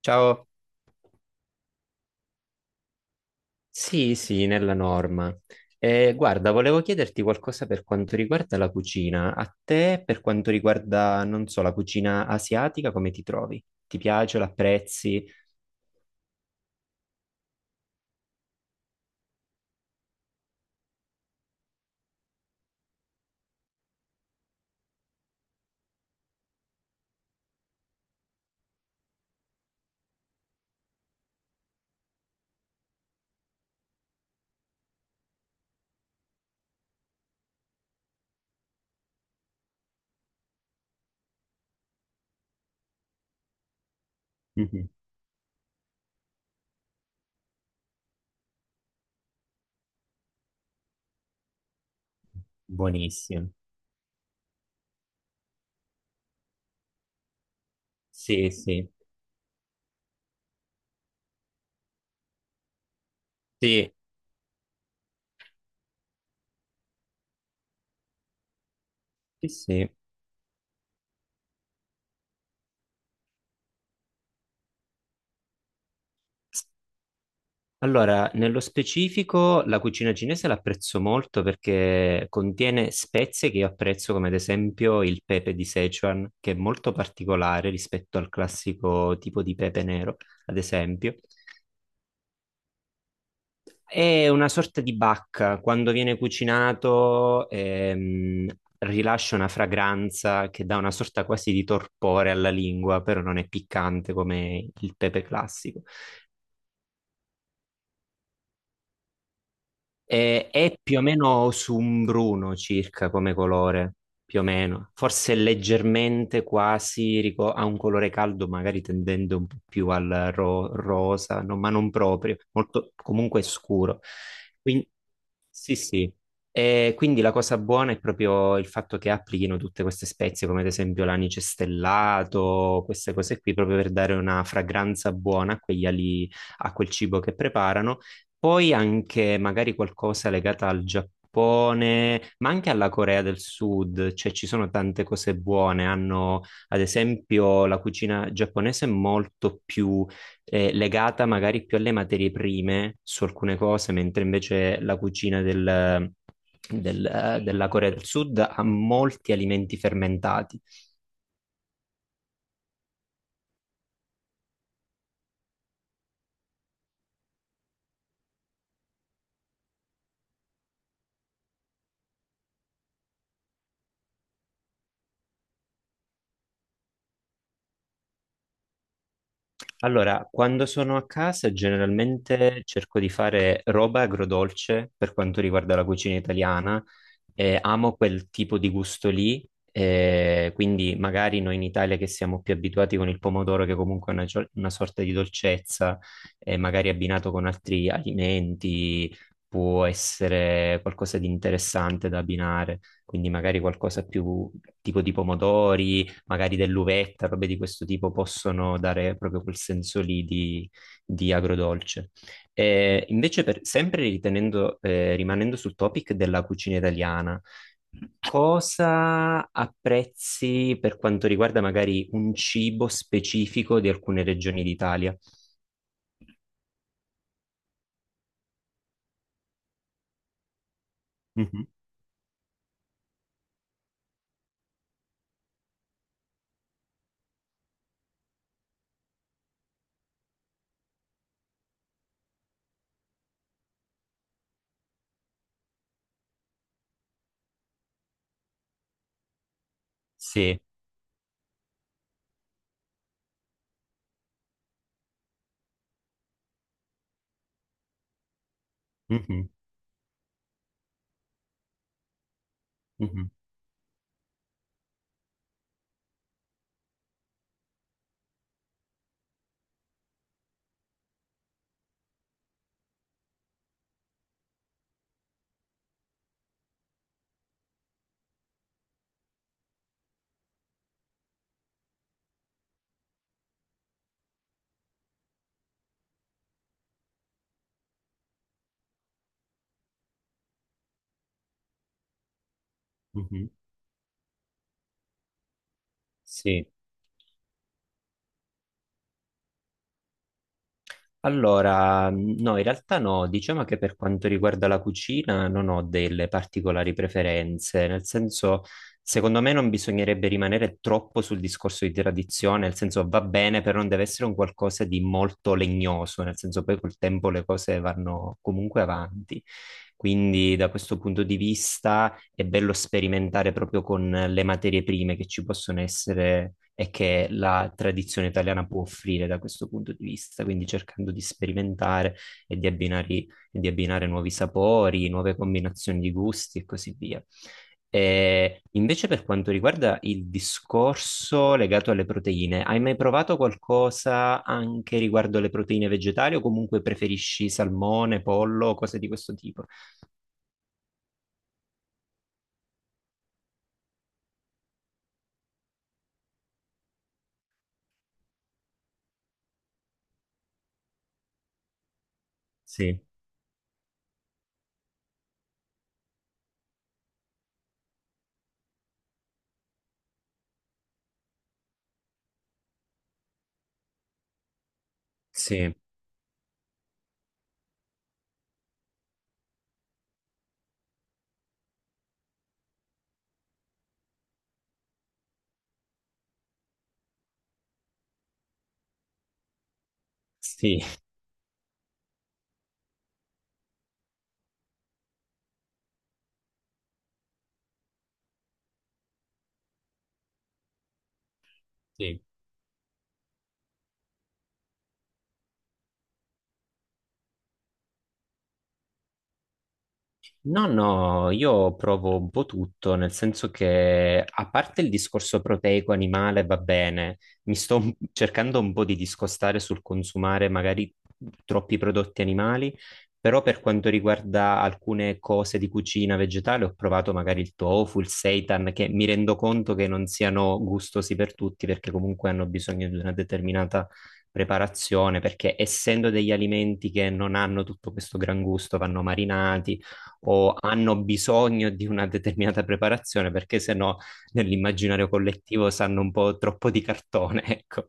Ciao. Sì, sì, nella norma. Guarda, volevo chiederti qualcosa per quanto riguarda la cucina. A te, per quanto riguarda, non so, la cucina asiatica, come ti trovi? Ti piace, l'apprezzi? Mhm. Buonissimo. Sì, sì. Sì, sì, sì. Allora, nello specifico la cucina cinese l'apprezzo molto perché contiene spezie che io apprezzo, come ad esempio il pepe di Sichuan, che è molto particolare rispetto al classico tipo di pepe nero, ad esempio. È una sorta di bacca, quando viene cucinato rilascia una fragranza che dà una sorta quasi di torpore alla lingua, però non è piccante come il pepe classico. È più o meno su un bruno circa come colore, più o meno. Forse leggermente quasi ha un colore caldo, magari tendendo un po' più al rosa, no, ma non proprio, molto comunque scuro. Quindi sì, sì. E quindi la cosa buona è proprio il fatto che applichino tutte queste spezie, come ad esempio l'anice stellato, queste cose qui, proprio per dare una fragranza buona a quegli ali, a quel cibo che preparano. Poi anche magari qualcosa legata al Giappone, ma anche alla Corea del Sud, cioè ci sono tante cose buone. Hanno, ad esempio, la cucina giapponese è molto più legata magari più alle materie prime su alcune cose, mentre invece la cucina della Corea del Sud ha molti alimenti fermentati. Allora, quando sono a casa generalmente cerco di fare roba agrodolce per quanto riguarda la cucina italiana. Amo quel tipo di gusto lì, quindi magari noi in Italia che siamo più abituati con il pomodoro, che comunque è una, una sorta di dolcezza, magari abbinato con altri alimenti, può essere qualcosa di interessante da abbinare, quindi magari qualcosa più tipo di pomodori, magari dell'uvetta, robe di questo tipo, possono dare proprio quel senso lì di agrodolce. Invece, sempre ritenendo, rimanendo sul topic della cucina italiana, cosa apprezzi per quanto riguarda magari un cibo specifico di alcune regioni d'Italia? Mhm. Sì. Mhm. Mhm. Mhm. Sì. Allora, no, in realtà no, diciamo che per quanto riguarda la cucina non ho delle particolari preferenze, nel senso, secondo me non bisognerebbe rimanere troppo sul discorso di tradizione, nel senso va bene, però non deve essere un qualcosa di molto legnoso, nel senso poi col tempo le cose vanno comunque avanti. Quindi da questo punto di vista è bello sperimentare proprio con le materie prime che ci possono essere e che la tradizione italiana può offrire da questo punto di vista, quindi cercando di sperimentare e di abbinare nuovi sapori, nuove combinazioni di gusti e così via. E invece per quanto riguarda il discorso legato alle proteine, hai mai provato qualcosa anche riguardo alle proteine vegetali o comunque preferisci salmone, pollo, cose di questo tipo? Sì, sì, sì, sì. No, no, io provo un po' tutto, nel senso che a parte il discorso proteico animale va bene, mi sto cercando un po' di discostare sul consumare magari troppi prodotti animali, però per quanto riguarda alcune cose di cucina vegetale ho provato magari il tofu, il seitan, che mi rendo conto che non siano gustosi per tutti perché comunque hanno bisogno di una determinata preparazione, perché essendo degli alimenti che non hanno tutto questo gran gusto, vanno marinati o hanno bisogno di una determinata preparazione, perché se no nell'immaginario collettivo sanno un po' troppo di cartone, ecco.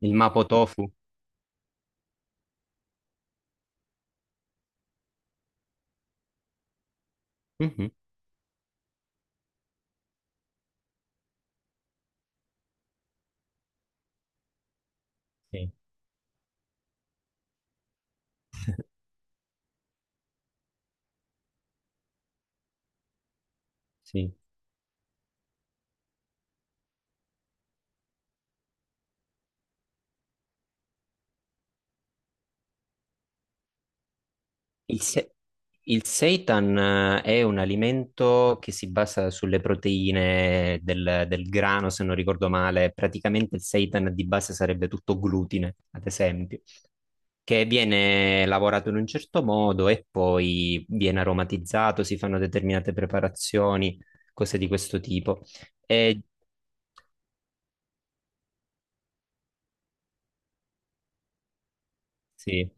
Il Mapo Tofu. Mhm. Sì, sì. Il, se- il seitan è un alimento che si basa sulle proteine del, del grano, se non ricordo male. Praticamente il seitan di base sarebbe tutto glutine, ad esempio. Che viene lavorato in un certo modo e poi viene aromatizzato, si fanno determinate preparazioni, cose di questo tipo. E, sì,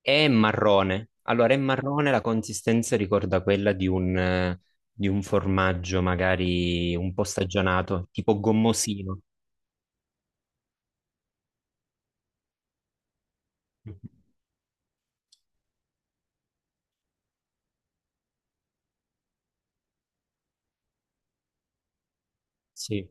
è marrone. Allora, è marrone, la consistenza ricorda quella di un formaggio magari un po' stagionato, tipo gommosino. Sì.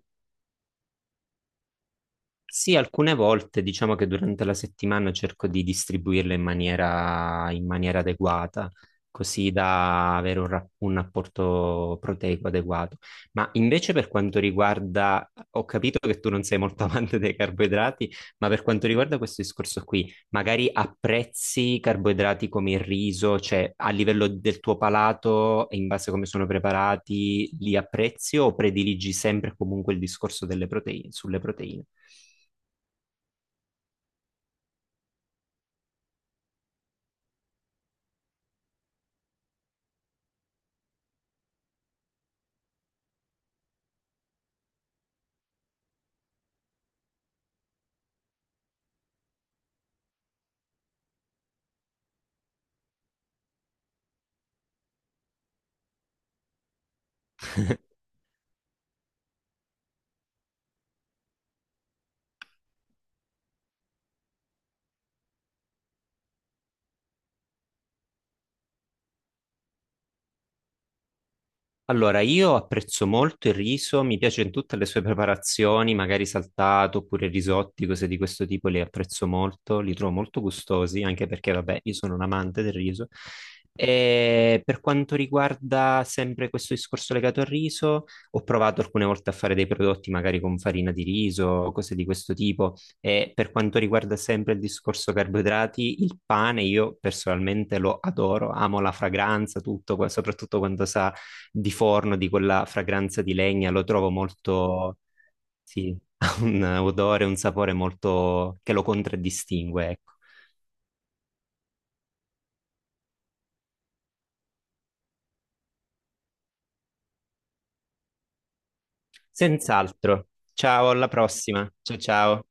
Sì, alcune volte diciamo che durante la settimana cerco di distribuirle in maniera adeguata, così da avere un, un apporto proteico adeguato. Ma invece per quanto riguarda, ho capito che tu non sei molto amante dei carboidrati, ma per quanto riguarda questo discorso qui, magari apprezzi carboidrati come il riso, cioè a livello del tuo palato e in base a come sono preparati, li apprezzi o prediligi sempre comunque il discorso delle proteine, sulle proteine? Allora, io apprezzo molto il riso, mi piace in tutte le sue preparazioni, magari saltato oppure risotti, cose di questo tipo, le apprezzo molto, li trovo molto gustosi, anche perché, vabbè, io sono un amante del riso. E per quanto riguarda sempre questo discorso legato al riso, ho provato alcune volte a fare dei prodotti magari con farina di riso, cose di questo tipo. E per quanto riguarda sempre il discorso carboidrati, il pane io personalmente lo adoro, amo la fragranza, tutto, soprattutto quando sa di forno, di quella fragranza di legna, lo trovo molto, sì, ha un odore, un sapore molto che lo contraddistingue, ecco. Senz'altro. Ciao, alla prossima. Ciao ciao.